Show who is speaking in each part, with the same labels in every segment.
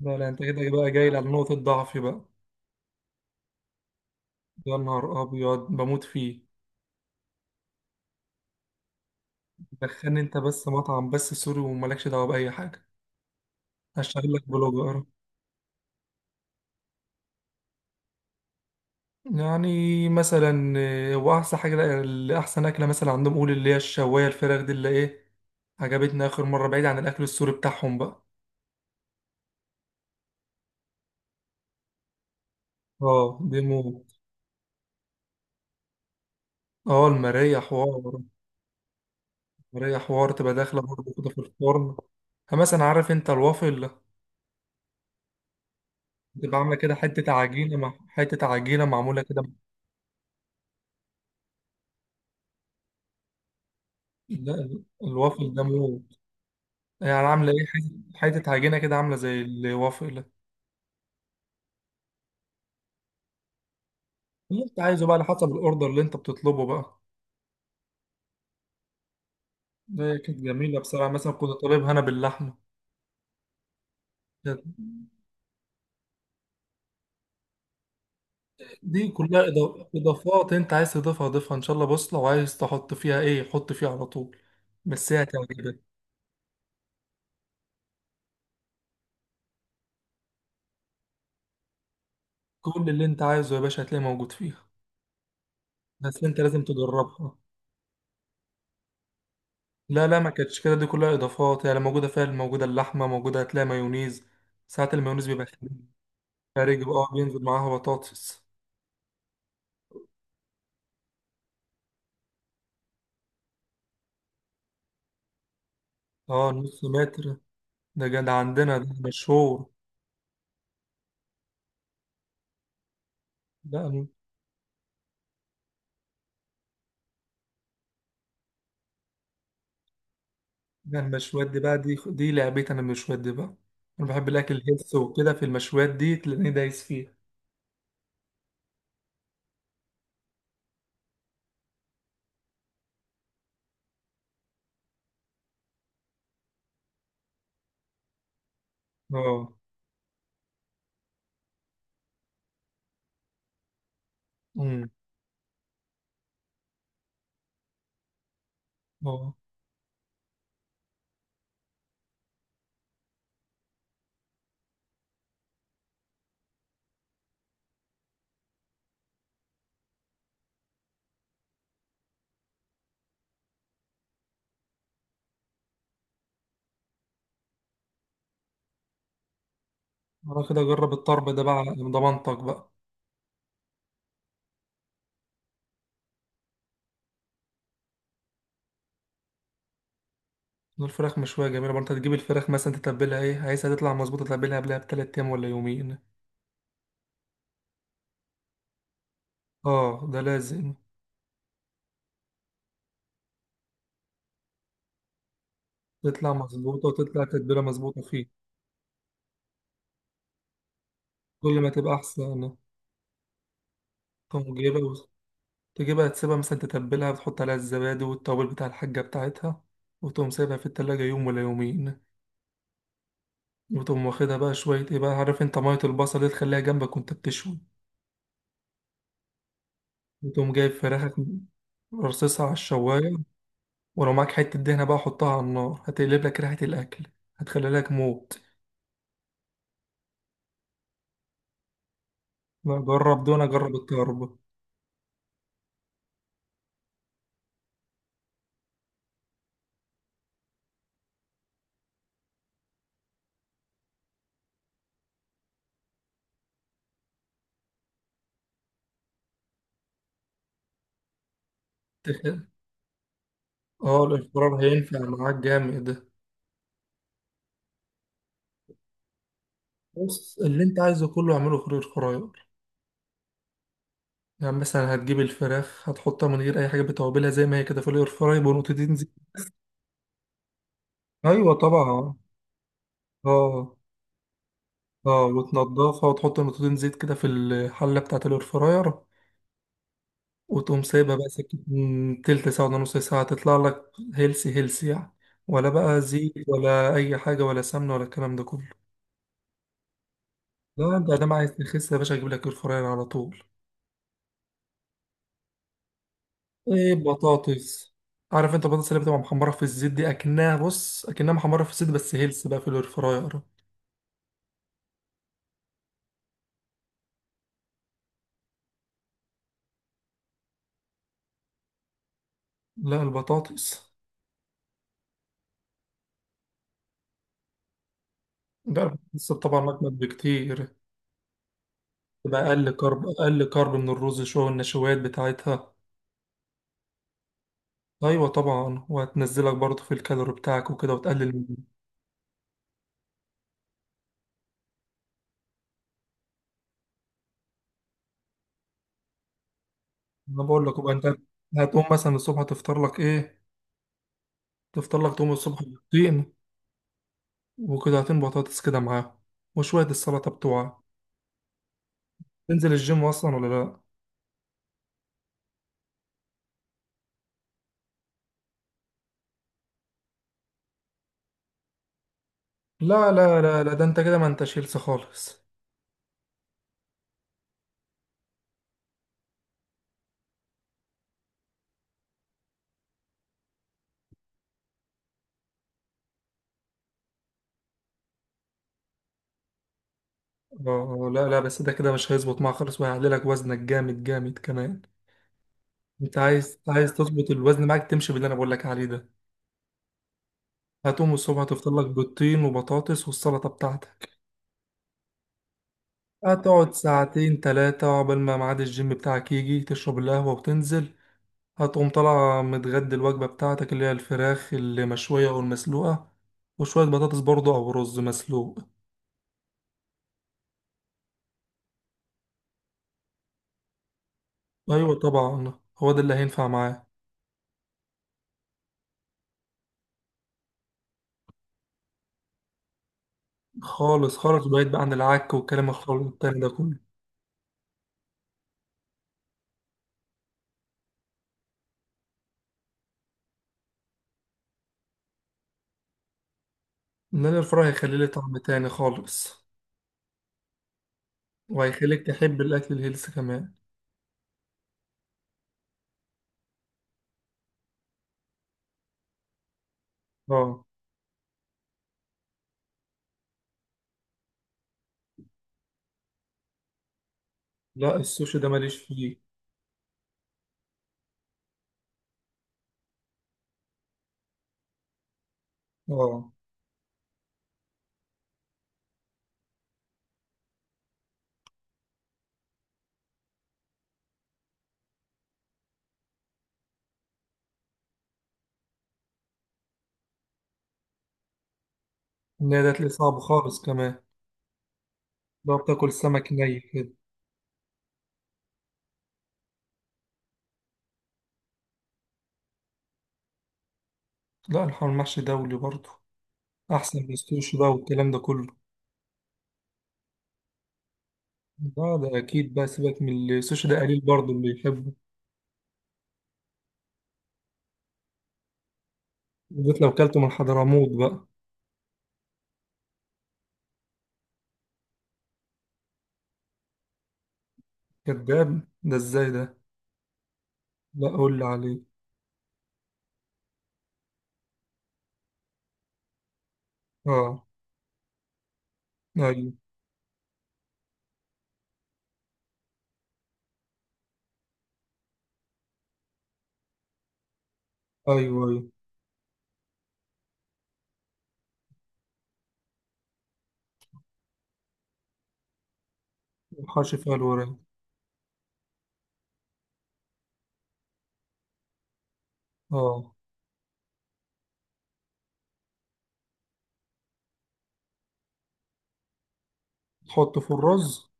Speaker 1: لا، لا، انت كده بقى جاي على نقطة ضعفي بقى. يا نهار أبيض، بموت فيه. دخلني انت بس مطعم بس سوري ومالكش دعوة بأي حاجة. هشتغل لك بلوجر. يعني مثلا وأحسن حاجة اللي أحسن أكلة مثلا عندهم، قول اللي هي الشواية الفراخ دي اللي إيه، عجبتني آخر مرة بعيد عن الأكل السوري بتاعهم بقى. اه، دي موت. اه، المراية حوار. المراية حوار تبقى داخلة برضه كده في الفرن. مثلا عارف انت الوافل؟ تبقى عاملة كده حتة عجينة مع حتة عجينة معمولة كده. لا، الوافل ده موت. يعني عامله ايه؟ حته حتة عجينه كده عامله زي الوافل ده. اللي انت عايزه بقى على حسب الاوردر اللي انت بتطلبه بقى. ده كانت جميله بصراحه، مثلا كنت طالبها انا باللحمه. كانت- دي كلها اضافات، انت عايز تضيفها ضيفها ان شاء الله. بص، لو عايز تحط فيها ايه حط فيها على طول. بس هي هتعجبك. كل اللي انت عايزه يا باشا هتلاقيه موجود فيها. بس انت لازم تجربها. لا، لا، ما كانتش كده، دي كلها اضافات يعني موجوده فيها، موجوده اللحمه موجوده، هتلاقي مايونيز. ساعات المايونيز بيبقى خفيف. خارج. اه، بينزل معاها بطاطس. اه، نص متر، ده جد عندنا ده مشهور. لا. ده المشويات دي بقى، دي دي لعبتي انا، المشويات دي بقى. انا بحب الاكل الهيلث وكده، في المشويات دي تلاقيني دايس فيها. اه. امم اه، انا كده اجرب الطرب ده بقى على ضمانتك بقى. الفراخ مشوية جميلة برضه. انت تجيب الفراخ مثلا تتبلها ايه، عايزها تطلع مظبوطة تتبلها قبلها بتلات ايام ولا يومين. اه، ده لازم. تطلع مظبوطة وتطلع تتبيلة مظبوطة فيه. كل ما تبقى احسن. طب جايبها، تجيبها تسيبها مثلا تتبلها وتحط عليها الزبادي والتوابل بتاع الحاجة بتاعتها، وتقوم سايبها في التلاجة يوم ولا يومين. وتقوم واخدها بقى شوية ايه بقى، عارف انت مية البصل دي تخليها جنبك وانت بتشوي. وتقوم جايب فراخك، رصصها على الشواية. ولو معاك حتة دهنة بقى حطها على النار هتقلب لك ريحة الأكل، هتخلي لك موت. لا، جرب. دون، جرب الطرب. تخ- اه، الإفطار هينفع معاك جامد. بص، اللي انت عايزه كله اعمله في الفراير. يعني مثلا هتجيب الفراخ هتحطها من غير اي حاجه بتوابلها زي ما هي كده في الاير فراي بنقطتين زيت. ايوه طبعا. اه. اه، وتنضفها وتحط نقطتين زيت كده في الحله بتاعه الاير فراير. وتقوم سايبها بقى سكت من تلت ساعه ولا نص ساعه، تطلع لك هيلسي هيلسي يعني. ولا بقى زيت ولا اي حاجه ولا سمنه ولا الكلام ده كله. لا، انت ده عايز تخس يا باشا، اجيب لك اير فراير على طول. ايه، بطاطس. عارف انت البطاطس اللي بتبقى محمره في الزيت دي؟ اكنها، بص، اكنها محمره في الزيت بس هيلث بقى في الاير فراير. لا، البطاطس. لا، البطاطس طبعا أجمد بكتير. تبقى أقل كارب، أقل كارب من الرز شوية، النشويات بتاعتها. أيوة طبعا، وهتنزلك برضه في الكالوري بتاعك وكده، وتقلل من. أنا بقول لك وبقى أنت. هتقوم مثلا الصبح تفطر لك إيه؟ تفطر لك، تقوم الصبح بيضتين وقطعتين بطاطس كده معاهم وشوية السلطة بتوعك. تنزل الجيم أصلا ولا لأ؟ لا، لا، لا، لا، ده أنت كده ما أنتش هيلث خالص. آه، لا، لا، بس ده كده مش هيظبط معاك خالص وهيعلي لك وزنك جامد جامد كمان. انت عايز تظبط الوزن معاك، تمشي باللي انا بقول لك عليه ده. هتقوم الصبح تفطر لك بيضتين وبطاطس والسلطه بتاعتك. هتقعد ساعتين ثلاثه عقبال ما ميعاد الجيم بتاعك يجي، تشرب القهوه وتنزل. هتقوم طالع متغدي الوجبه بتاعتك اللي هي الفراخ المشويه او المسلوقه وشويه بطاطس برضه او رز مسلوق. ايوه طبعا، هو ده اللي هينفع معاه. خالص خالص، بعيد بقى عن العك والكلام الخالص التاني ده كله. ان انا الفراخ هيخلي لي طعم تاني خالص، وهيخليك تحب الاكل الهيلث كمان. اه. لا، السوشي ده ماليش فيه. اه، النهي ده تلاقيه صعب خالص كمان لو بتاكل سمك ني كده. لا، الحمام المحشي دولي برضه، احسن من السوشي بقى والكلام ده كله. لا، ده اكيد بقى، سيبك من السوشي ده قليل برضه اللي يحبه، بالذات لو كلته من حضرموت بقى. كداب، ده ازاي ده؟ لا، قول لي عليه. اه. ايوه، ايوه، ايوه. الحاشي فيها الورق. اه، تحطه في الرز.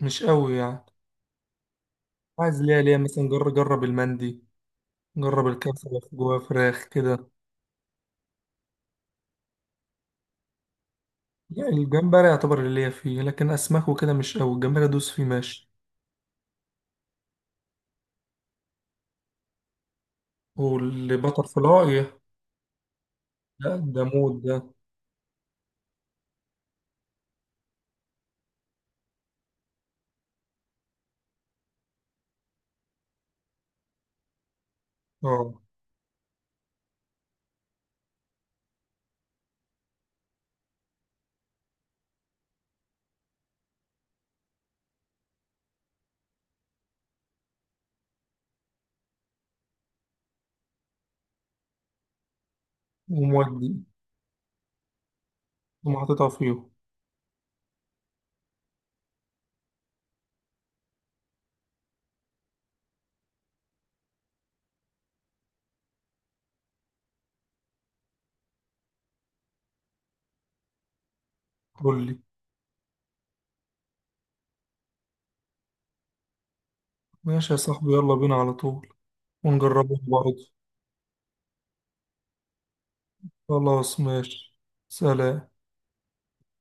Speaker 1: مش قوي يعني. عايز ليه؟ ليه مثلا جرب جرب المندي، جرب الكبسة اللي جواها فراخ كده. يعني الجمبري يعتبر اللي ليا فيه، لكن اسماك وكده مش قوي. الجمبري ادوس فيه ماشي. والبتر فلاي. لا، ده مود ده. اه، ومودي، ومحطتها فيه. قول لي. ماشي يا صاحبي، يلا بينا على طول، ونجربه برضه. خلاص ماشي. سلام.